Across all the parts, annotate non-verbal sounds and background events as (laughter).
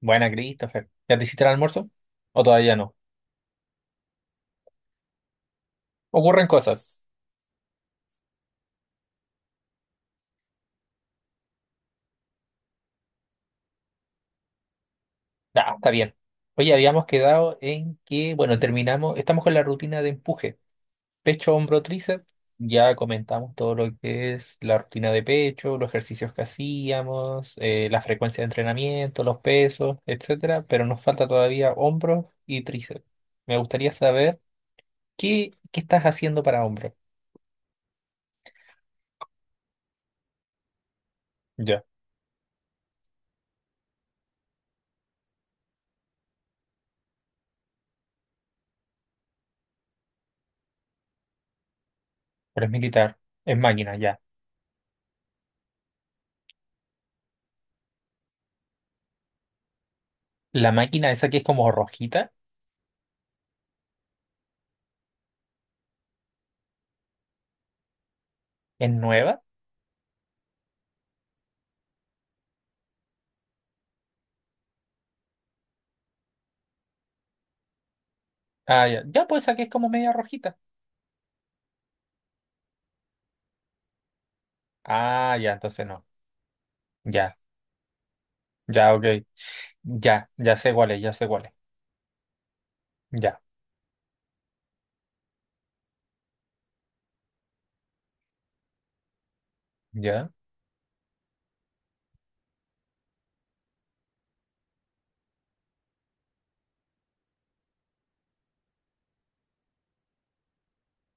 Buena, Christopher. ¿Ya te hiciste el almuerzo? ¿O todavía no? Ocurren cosas. Ya, está bien. Oye, habíamos quedado en que, bueno, terminamos, estamos con la rutina de empuje. Pecho, hombro, tríceps. Ya comentamos todo lo que es la rutina de pecho, los ejercicios que hacíamos, la frecuencia de entrenamiento, los pesos, etcétera. Pero nos falta todavía hombro y tríceps. Me gustaría saber qué estás haciendo para hombro. Ya, pero es militar, es máquina, ya. La máquina esa que es como rojita. ¿Es nueva? Ah, ya. Ya, pues aquí es como media rojita. Ah, ya, entonces no. Ya, ya, ok. Ya, ya sé cuál es, ya sé cuál es. Ya, ya,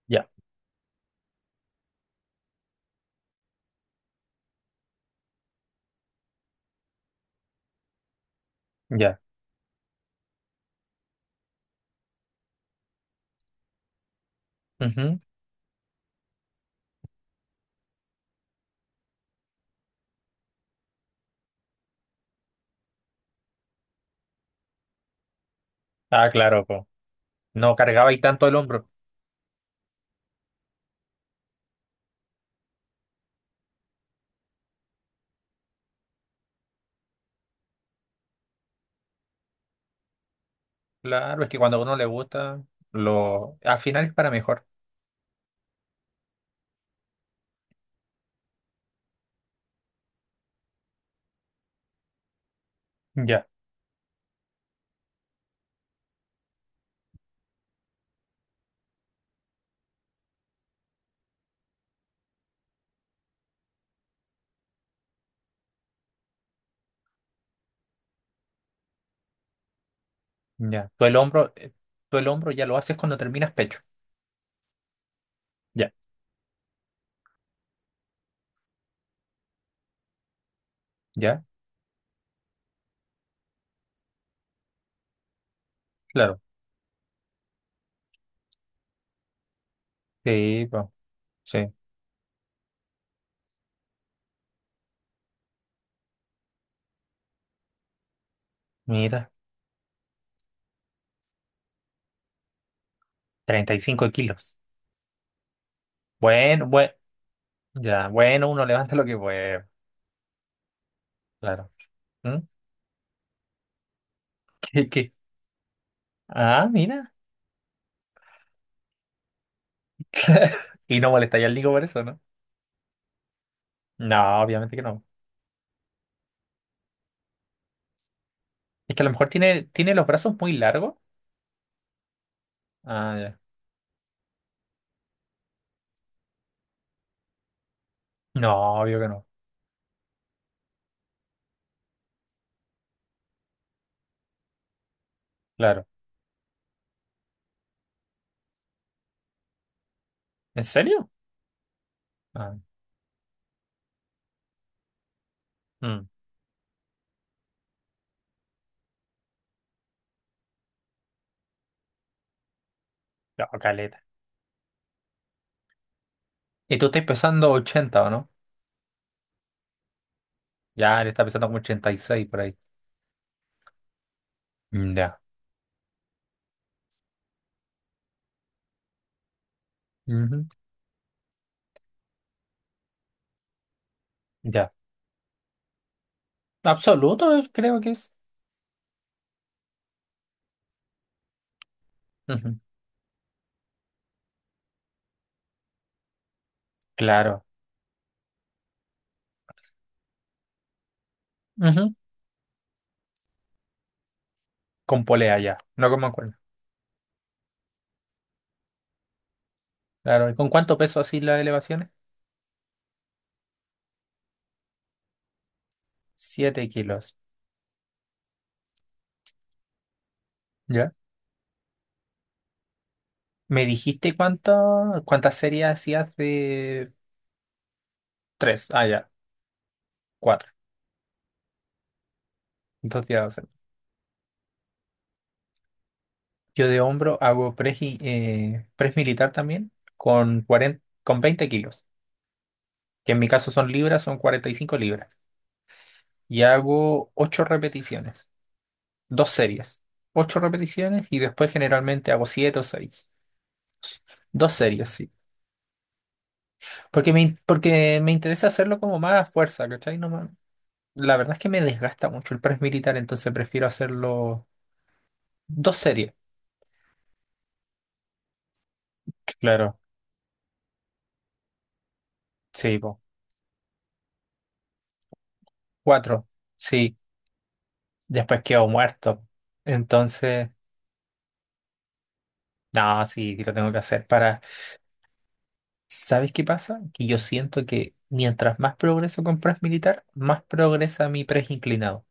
ya, ya. Ujú. Ah, claro, po. No cargaba ahí tanto el hombro. Claro, es que cuando a uno le gusta, al final es para mejor. Ya, ya. Tú el hombro ya lo haces cuando terminas pecho. Ya, ya, claro. Sí, po. Sí. Mira, 35 kilos. Bueno, bueno, ya, bueno, uno levanta lo que puede. Claro. ¿Mm? ¿Y qué? Ah, mira. (laughs) Y no molestaría al Nico por eso, ¿no? No, obviamente que no. Es que a lo mejor tiene los brazos muy largos. Ah, ya. No, obvio que no. Claro. ¿En serio? Ah, mm, no, caleta. Y tú estás pesando 80, ¿o no? Ya, él está pesando como 86 por ahí. Mm, ya. Ujú, ya. Absoluto, creo que es. Ujú, claro. Ujú, con polea ya. No como cuerno. Claro. ¿Y con cuánto peso así las elevaciones? 7 kilos. Ya. Me dijiste cuántas series hacías de tres. Ah, ya, cuatro. 2 días de hacer. Yo de hombro hago press militar también con 40, con 20 kilos, que en mi caso son libras, son 45 libras. Y hago ocho repeticiones, dos series. Ocho repeticiones y después generalmente hago siete o seis. Dos series, sí. Porque me interesa hacerlo como más a fuerza, ¿cachai? No, me- La verdad es que me desgasta mucho el press militar, entonces prefiero hacerlo. Dos series, claro, sí, po. Cuatro, sí. Después quedó muerto. Entonces, no, sí, sí lo tengo que hacer para. ¿Sabes qué pasa? Que yo siento que mientras más progreso con press militar, más progresa mi press inclinado.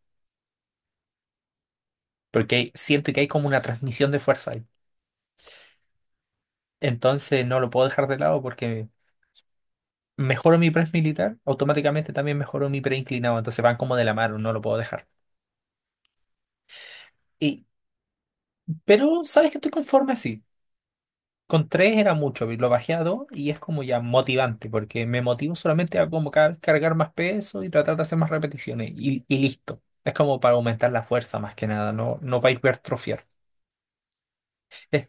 Porque siento que hay como una transmisión de fuerza ahí. Entonces no lo puedo dejar de lado porque mejoro mi press militar, automáticamente también mejoro mi pre inclinado. Entonces van como de la mano, no lo puedo dejar. Y, pero, ¿sabes que estoy conforme así? Con tres era mucho, lo bajé a dos y es como ya motivante, porque me motivo solamente a como cargar más peso y tratar de hacer más repeticiones y listo. Es como para aumentar la fuerza más que nada, no para hipertrofiar. Eh,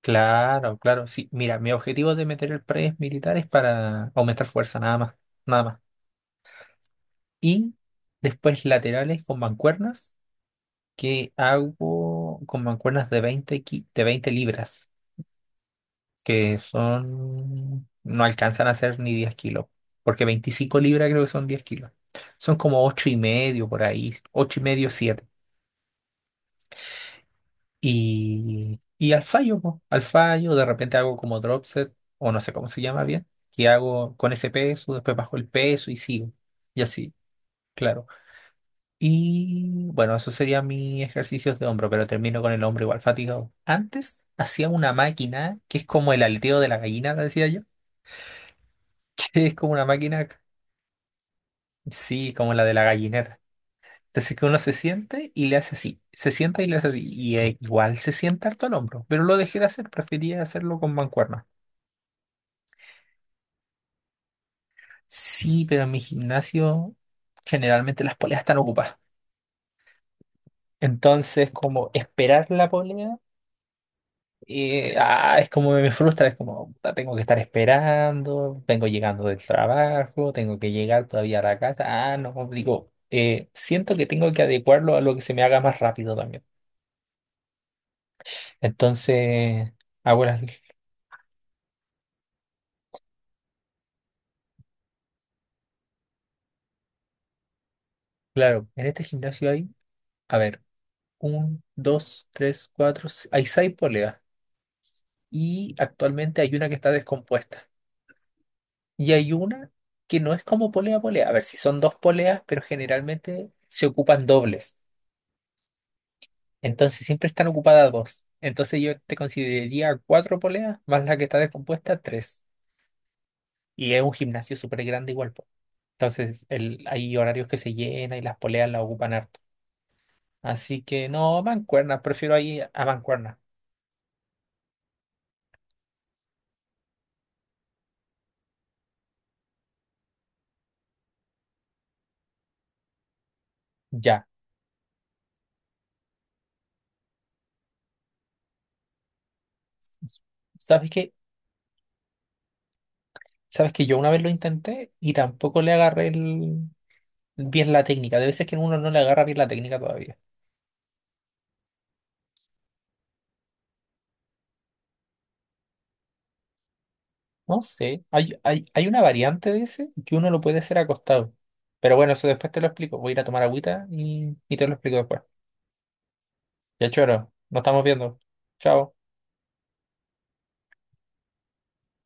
claro, claro, sí. Mira, mi objetivo de meter el press militar es para aumentar fuerza, nada más, nada más. Y después laterales con mancuernas, que hago con mancuernas de 20 libras. Que son, no alcanzan a ser ni 10 kilos, porque 25 libras creo que son 10 kilos. Son como 8 y medio por ahí, 8 y medio, siete. Y al fallo, po, al fallo, de repente hago como drop set, o no sé cómo se llama bien, que hago con ese peso, después bajo el peso y sigo. Y así, claro. Y bueno, eso serían mis ejercicios de hombro, pero termino con el hombro igual fatigado. Antes hacía una máquina que es como el aleteo de la gallina, la decía yo, (laughs) que es como una máquina. Sí, como la de la gallineta. Entonces que uno se siente y le hace así. Se sienta y le hace así. Y igual se sienta harto el hombro. Pero lo dejé de hacer, prefería hacerlo con mancuerna. Sí, pero en mi gimnasio generalmente las poleas están ocupadas. Entonces, como esperar la polea, es como me frustra, es como puta, tengo que estar esperando, vengo llegando del trabajo, tengo que llegar todavía a la casa. Ah, no, digo, siento que tengo que adecuarlo a lo que se me haga más rápido también. Entonces, ahora, claro, en este gimnasio hay, a ver, un, dos, tres, cuatro, hay seis poleas y actualmente hay una que está descompuesta y hay una que no es como polea polea. A ver, si son dos poleas, pero generalmente se ocupan dobles. Entonces siempre están ocupadas dos. Entonces yo te consideraría cuatro poleas más la que está descompuesta, tres. Y es un gimnasio súper grande igual, po. Entonces hay horarios que se llena y las poleas las ocupan harto. Así que no, mancuerna, prefiero ahí a mancuerna. Ya. ¿Sabes qué? ¿Sabes que yo una vez lo intenté y tampoco le agarré bien la técnica? De veces que uno no le agarra bien la técnica todavía. No sé, hay una variante de ese que uno lo puede hacer acostado. Pero bueno, eso después te lo explico. Voy a ir a tomar agüita y te lo explico después. Ya choro, nos estamos viendo. Chao.